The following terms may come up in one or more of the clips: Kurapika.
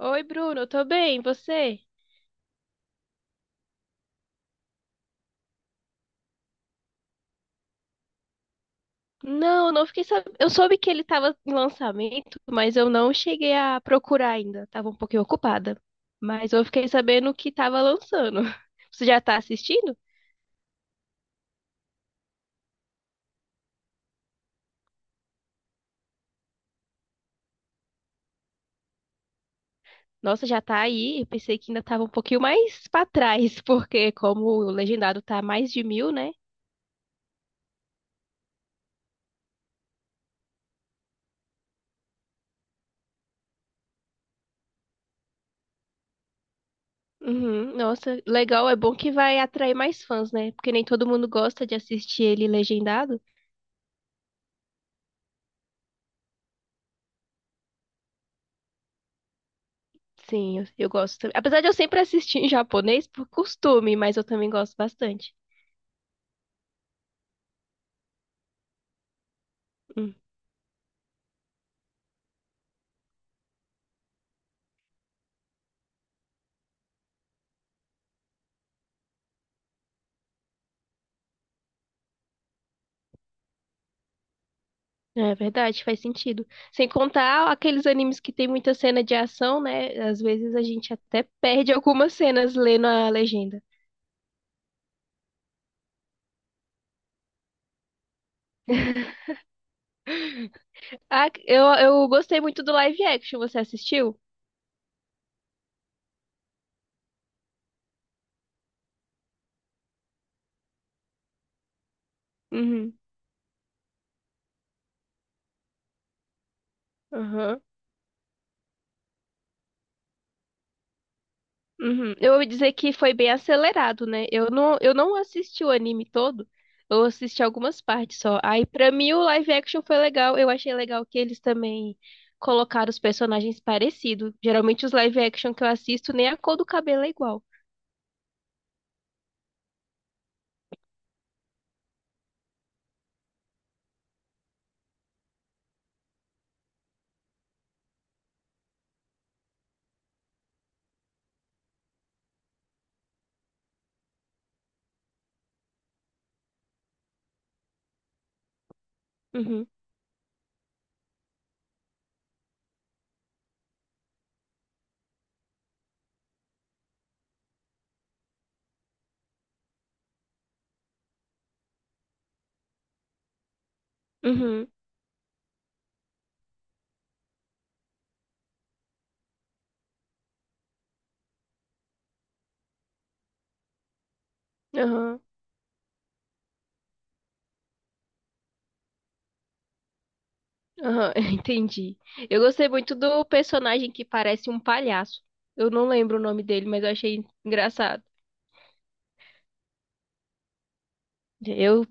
Oi, Bruno, eu tô bem, e você? Não, eu não fiquei sabendo. Eu soube que ele tava em lançamento, mas eu não cheguei a procurar ainda. Tava um pouquinho ocupada. Mas eu fiquei sabendo que tava lançando. Você já tá assistindo? Nossa, já tá aí. Eu pensei que ainda tava um pouquinho mais pra trás, porque como o legendado tá mais de mil, né? Uhum, nossa, legal. É bom que vai atrair mais fãs, né? Porque nem todo mundo gosta de assistir ele legendado. Sim, eu gosto também. Apesar de eu sempre assistir em japonês por costume, mas eu também gosto bastante. Hum, É verdade, faz sentido. Sem contar aqueles animes que tem muita cena de ação, né? Às vezes a gente até perde algumas cenas lendo a legenda. Ah, eu gostei muito do live action, você assistiu? Uhum. Aham. Uhum. Eu ouvi dizer que foi bem acelerado, né? Eu não assisti o anime todo, eu assisti algumas partes só. Aí, pra mim, o live action foi legal. Eu achei legal que eles também colocaram os personagens parecidos. Geralmente, os live action que eu assisto, nem a cor do cabelo é igual. Uhum, uhum, aham. Aham, entendi. Eu gostei muito do personagem que parece um palhaço. Eu não lembro o nome dele, mas eu achei engraçado. Eu,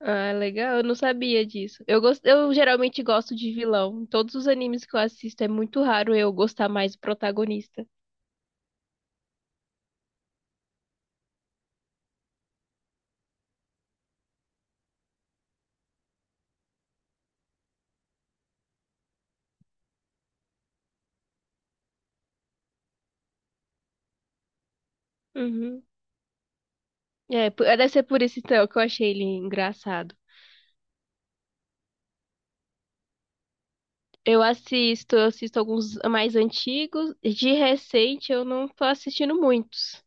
ah, legal, eu não sabia disso. Eu geralmente gosto de vilão. Em todos os animes que eu assisto, é muito raro eu gostar mais do protagonista. Uhum. É, deve ser por isso então que eu achei ele engraçado. Eu assisto alguns mais antigos. De recente eu não tô assistindo muitos.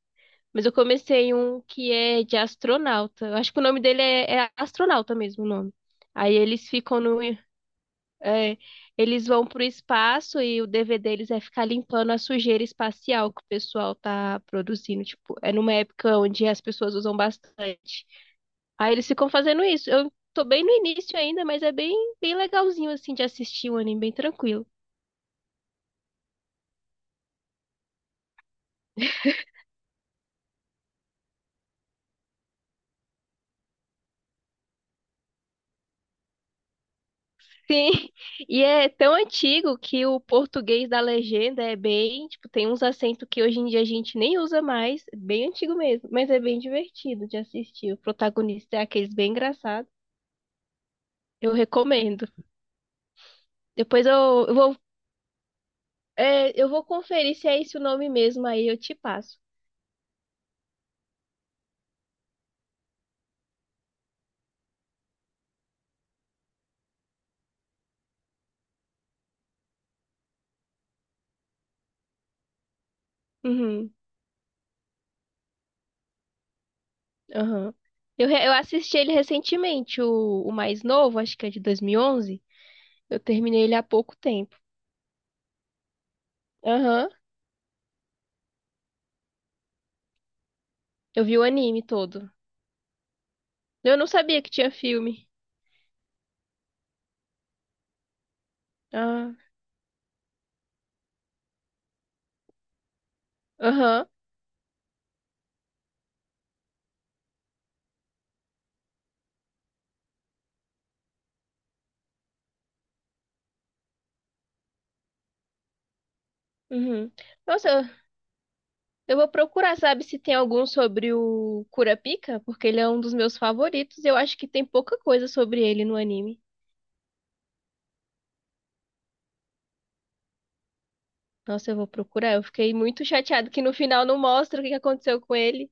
Mas eu comecei um que é de astronauta. Eu acho que o nome dele é astronauta mesmo, o nome. Aí eles ficam no. é, eles vão pro espaço e o dever deles é ficar limpando a sujeira espacial que o pessoal tá produzindo. Tipo, é numa época onde as pessoas usam bastante. Aí eles ficam fazendo isso. Eu tô bem no início ainda, mas é bem, bem legalzinho assim de assistir um anime bem tranquilo. Sim, e é tão antigo que o português da legenda é bem, tipo, tem uns acentos que hoje em dia a gente nem usa mais, bem antigo mesmo, mas é bem divertido de assistir. O protagonista é aqueles bem engraçado. Eu recomendo. Depois eu vou conferir se é esse o nome mesmo, aí eu te passo. Uhum. Aham. Eu assisti ele recentemente, o mais novo, acho que é de 2011. Eu terminei ele há pouco tempo. Aham. Eu vi o anime todo. Eu não sabia que tinha filme. Ah, aham. Uhum. Nossa, eu vou procurar, sabe, se tem algum sobre o Kurapika, porque ele é um dos meus favoritos. E Eu acho que tem pouca coisa sobre ele no anime. Nossa, eu vou procurar. Eu fiquei muito chateado que no final não mostra o que que aconteceu com ele.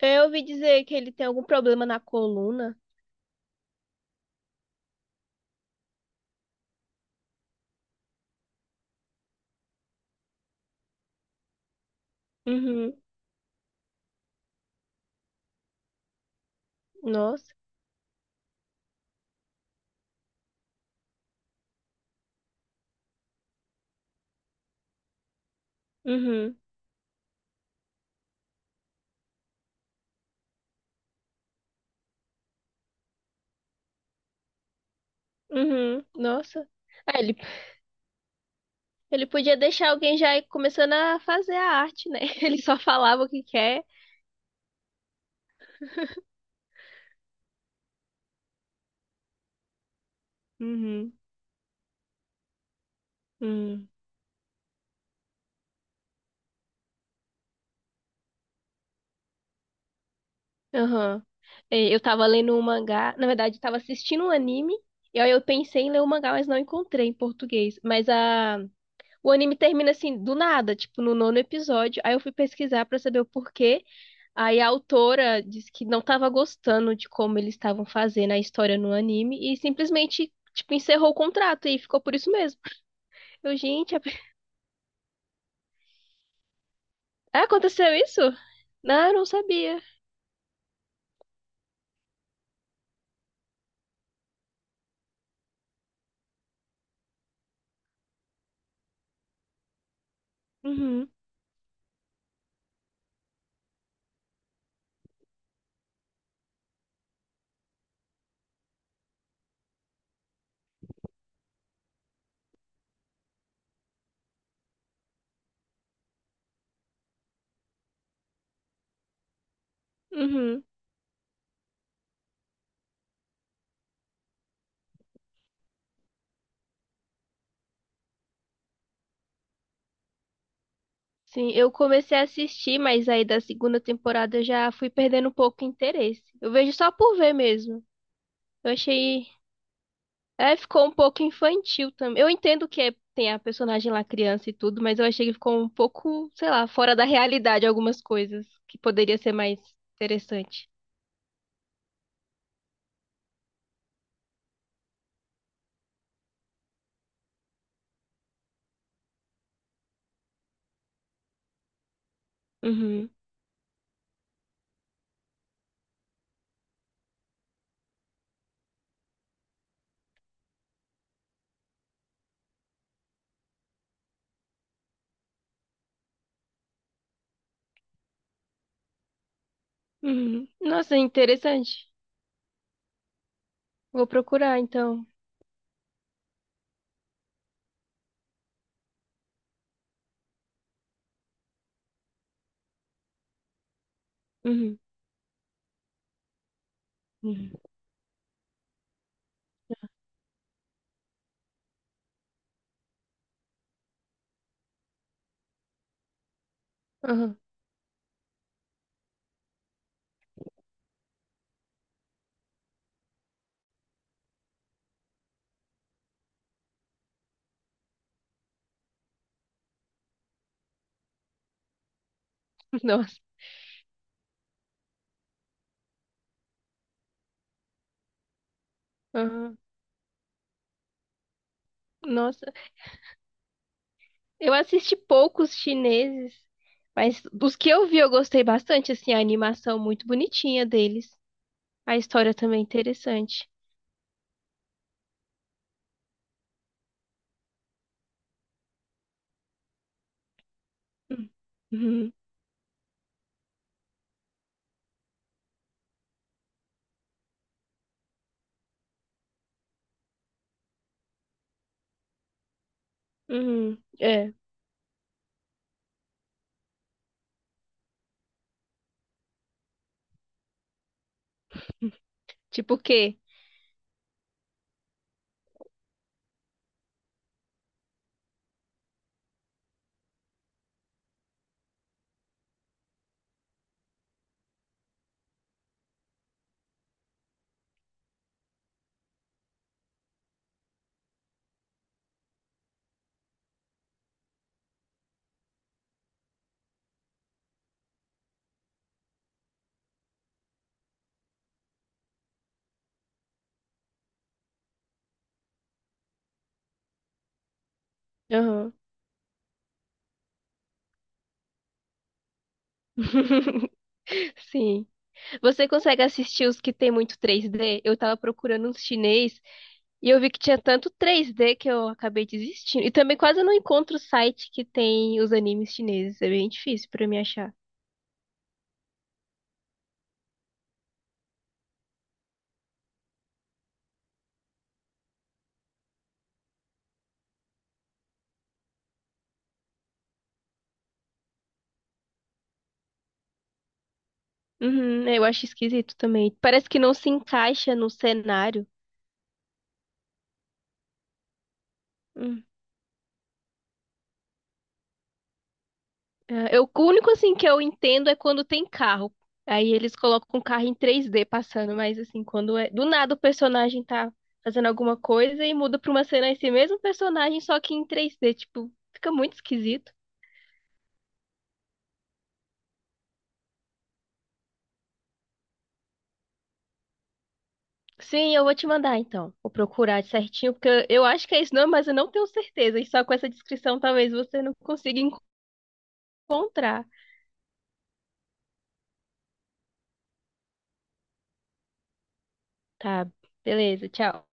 Eu ouvi dizer que ele tem algum problema na coluna. Uhum. Nossa. Uhum. Uhum. Nossa. Ah, ele podia deixar alguém já ir começando a fazer a arte, né? Ele só falava o que quer. Uhum. Uhum. Aham. É, eu tava lendo um mangá, na verdade, tava assistindo um anime, e aí eu pensei em ler o mangá, mas não encontrei em português. O anime termina assim, do nada, tipo, no nono episódio. Aí eu fui pesquisar pra saber o porquê. Aí a autora disse que não estava gostando de como eles estavam fazendo a história no anime e simplesmente, tipo, encerrou o contrato e ficou por isso mesmo. Gente, ah, aconteceu isso? Não, eu não sabia. Uhum, uhum. Sim, eu comecei a assistir, mas aí da segunda temporada eu já fui perdendo um pouco o interesse. Eu vejo só por ver mesmo. Eu achei É, ficou um pouco infantil também. Eu entendo que tem a personagem lá criança e tudo, mas eu achei que ficou um pouco, sei lá, fora da realidade algumas coisas que poderia ser mais interessante. Uhum. Uhum. Nossa, interessante. Vou procurar então. Uhum. Uhum. Aham. Nossa. Aham. Nossa. Eu assisti poucos chineses, mas dos que eu vi eu gostei bastante, assim, a animação muito bonitinha deles. A história também é interessante. Uhum. Uhum. Uhum. É. Tipo o quê? Aham. Sim. Você consegue assistir os que tem muito 3D? Eu tava procurando uns chinês e eu vi que tinha tanto 3D que eu acabei desistindo. E também quase não encontro site que tem os animes chineses. É bem difícil pra mim achar. Uhum, eu acho esquisito também. Parece que não se encaixa no cenário. É, o único assim que eu entendo é quando tem carro. Aí eles colocam um carro em 3D passando, mas assim, quando é do nada o personagem tá fazendo alguma coisa e muda pra uma cena esse mesmo personagem, só que em 3D, tipo, fica muito esquisito. Sim, eu vou te mandar então. Vou procurar certinho, porque eu acho que é isso não, mas eu não tenho certeza. E só com essa descrição talvez você não consiga encontrar. Tá, beleza, tchau.